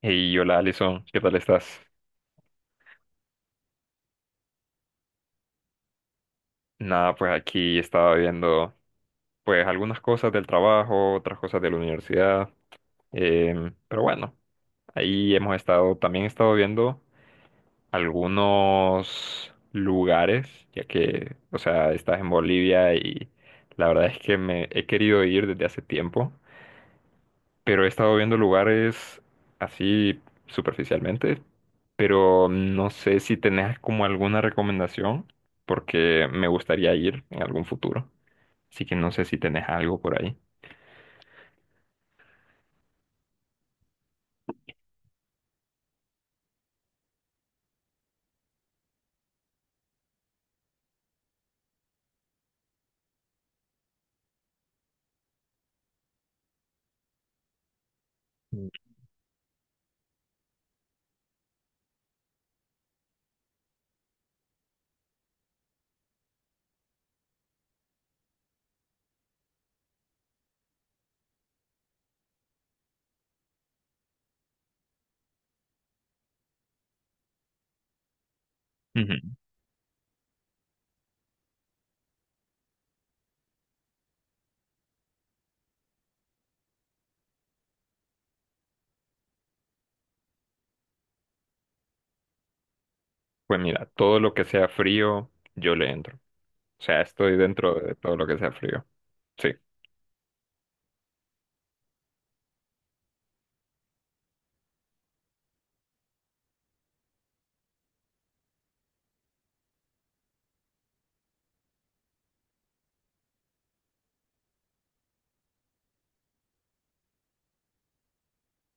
Hey, hola Alison, ¿qué tal estás? Nada, pues aquí estaba viendo pues algunas cosas del trabajo, otras cosas de la universidad, pero bueno, ahí hemos estado, también he estado viendo algunos lugares, ya que, o sea, estás en Bolivia y la verdad es que me he querido ir desde hace tiempo, pero he estado viendo lugares así superficialmente, pero no sé si tenés como alguna recomendación, porque me gustaría ir en algún futuro. Así que no sé si tenés algo por ahí. Mm. Ujú. Pues mira, todo lo que sea frío, yo le entro. O sea, estoy dentro de todo lo que sea frío. Sí.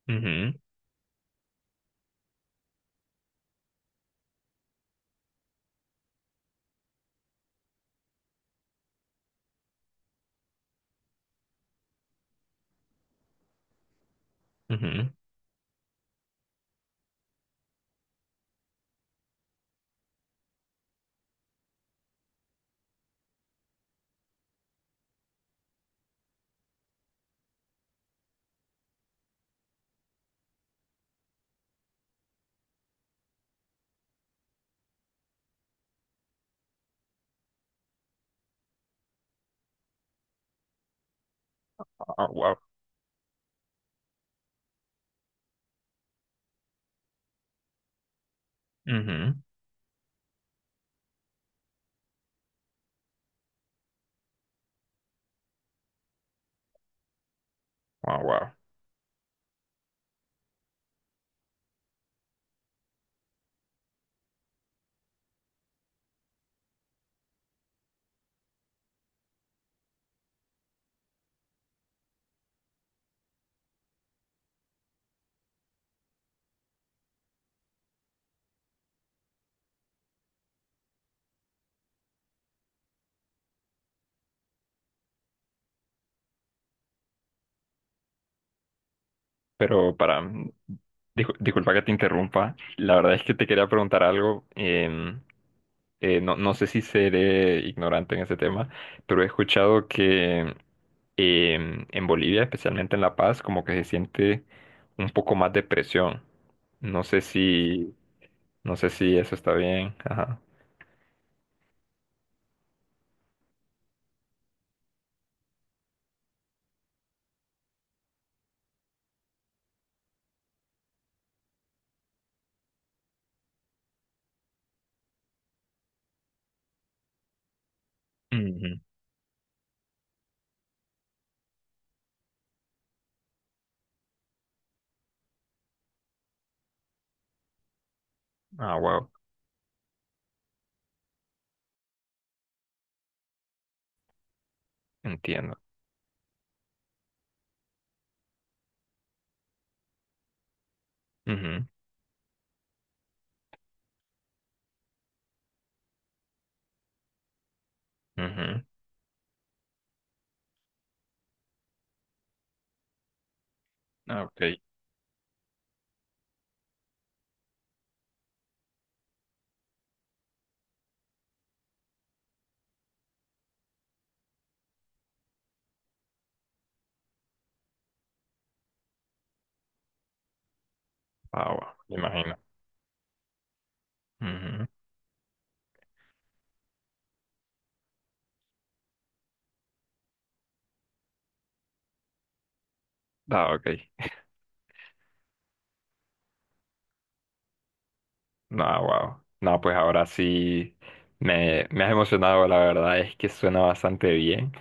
Ujú, ujú. Ah, wow. Ujú. Ah, wow. Pero para... disculpa que te interrumpa. La verdad es que te quería preguntar algo. No, no sé si seré ignorante en ese tema, pero he escuchado que en Bolivia, especialmente en La Paz, como que se siente un poco más de presión. No sé si, no sé si eso está bien. Ajá. Ujú. Ah, wow, entiendo. Ujú, ujú. Ah, ok. Ah, wow, me imagino. Ujú. Ah, ok. No, wow. No, pues ahora sí me has emocionado, la verdad es que suena bastante bien.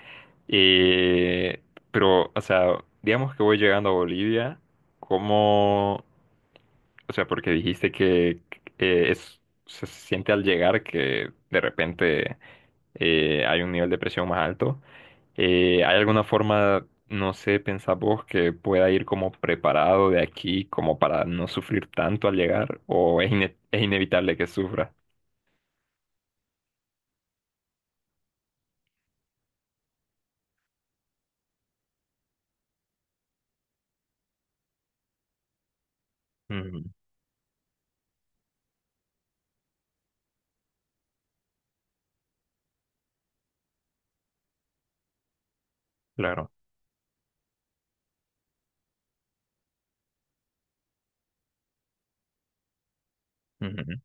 Eh, pero, o sea, digamos que voy llegando a Bolivia, ¿cómo? O sea, porque dijiste que eh, es, se siente al llegar que de repente hay un nivel de presión más alto. ¿Hay alguna forma, no sé, pensás vos, que pueda ir como preparado de aquí como para no sufrir tanto al llegar? ¿O es inevitable que sufra? Ujú, claro. Ujú,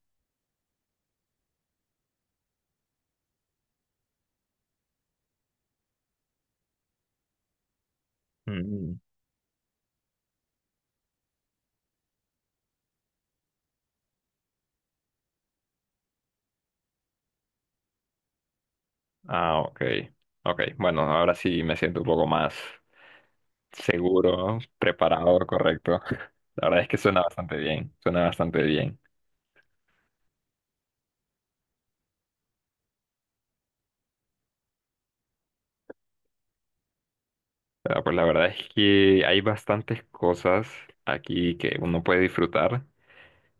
ujú. Ah, ok. Ok, bueno, ahora sí me siento un poco más seguro, preparado, correcto. La verdad es que suena bastante bien, suena bastante bien. Ah, pues la verdad es que hay bastantes cosas aquí que uno puede disfrutar.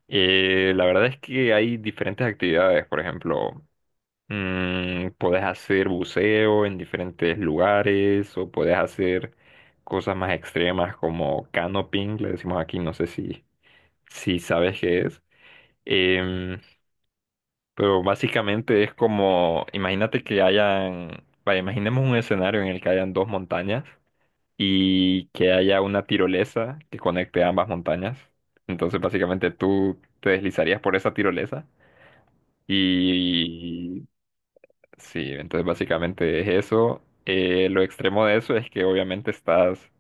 La verdad es que hay diferentes actividades, por ejemplo, puedes hacer buceo en diferentes lugares o puedes hacer cosas más extremas como canoping, le decimos aquí, no sé si, si sabes qué es. Em, pero básicamente es como, imagínate que hayan, vaya, imaginemos un escenario en el que hayan dos montañas y que haya una tirolesa que conecte ambas montañas. Entonces, básicamente tú te deslizarías por esa tirolesa. Y sí, entonces básicamente es eso. Lo extremo de eso es que obviamente estás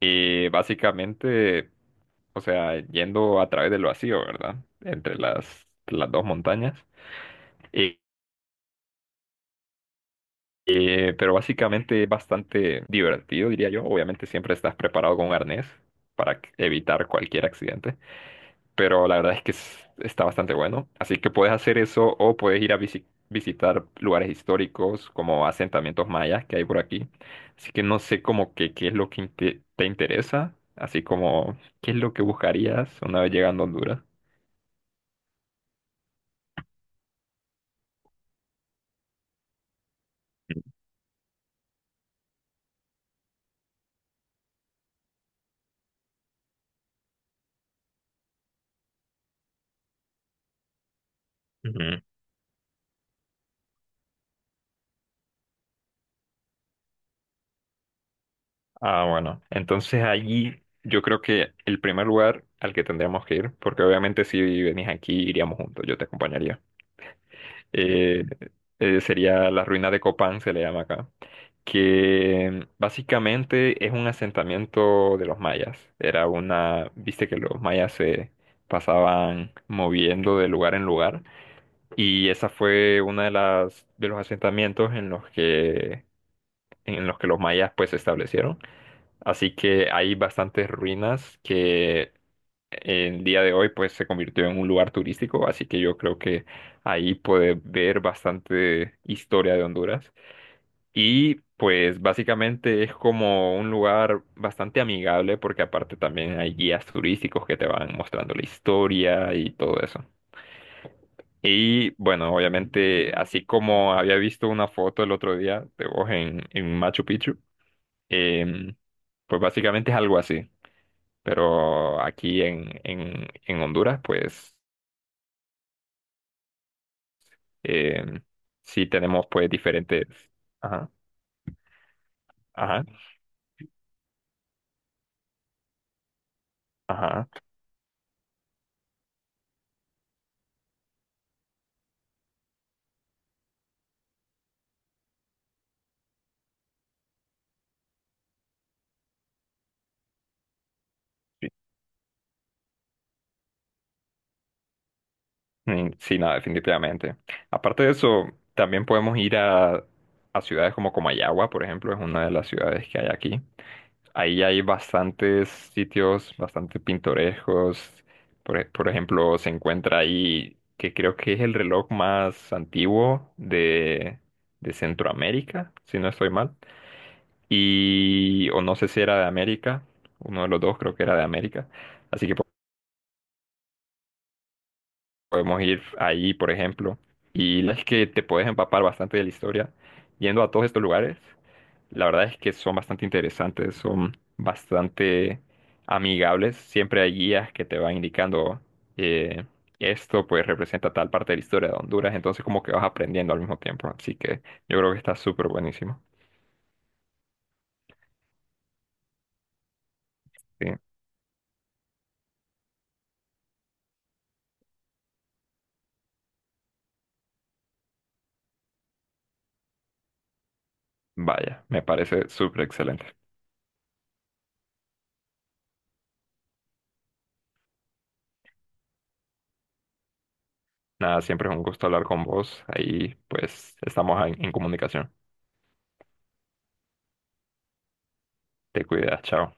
básicamente, o sea, yendo a través del vacío, ¿verdad? Entre las dos montañas. Eh, pero básicamente es bastante divertido, diría yo. Obviamente siempre estás preparado con un arnés para evitar cualquier accidente. Pero la verdad es que está bastante bueno. Así que puedes hacer eso o puedes ir a visitar lugares históricos como asentamientos mayas que hay por aquí. Así que no sé como que qué es lo que te interesa, así como qué es lo que buscarías una vez llegando a Honduras. Ujú. Ah, bueno. Entonces allí yo creo que el primer lugar al que tendríamos que ir, porque obviamente si venís aquí iríamos juntos, yo te acompañaría, eh, sería la ruina de Copán, se le llama acá, que básicamente es un asentamiento de los mayas. Era una, viste que los mayas se pasaban moviendo de lugar en lugar y esa fue una de las de los asentamientos en los que los mayas pues se establecieron. Así que hay bastantes ruinas que en día de hoy pues se convirtió en un lugar turístico, así que yo creo que ahí puede ver bastante historia de Honduras. Y pues básicamente es como un lugar bastante amigable porque aparte también hay guías turísticos que te van mostrando la historia y todo eso. Y bueno, obviamente, así como había visto una foto el otro día de vos en Machu Picchu, em, pues básicamente es algo así. Pero aquí en Honduras, pues em, sí tenemos pues diferentes... Ajá, ajá, ajá. Mm, sí, nada, definitivamente. Aparte de eso, también podemos ir a ciudades como Comayagua, por ejemplo, es una de las ciudades que hay aquí. Ahí hay bastantes sitios bastante pintorescos. Por ejemplo, se encuentra ahí que creo que es el reloj más antiguo de Centroamérica, si no estoy mal. Y, o no sé si era de América, uno de los dos creo que era de América. Así que podemos ir ahí, por ejemplo. Y la verdad es que te puedes empapar bastante de la historia. Yendo a todos estos lugares, la verdad es que son bastante interesantes, son bastante amigables. Siempre hay guías que te van indicando eh, esto pues representa tal parte de la historia de Honduras. Entonces como que vas aprendiendo al mismo tiempo. Así que yo creo que está súper buenísimo. Sí, vaya, me parece súper excelente. Nada, siempre es un gusto hablar con vos. Ahí pues estamos en comunicación. Te cuidas, chao.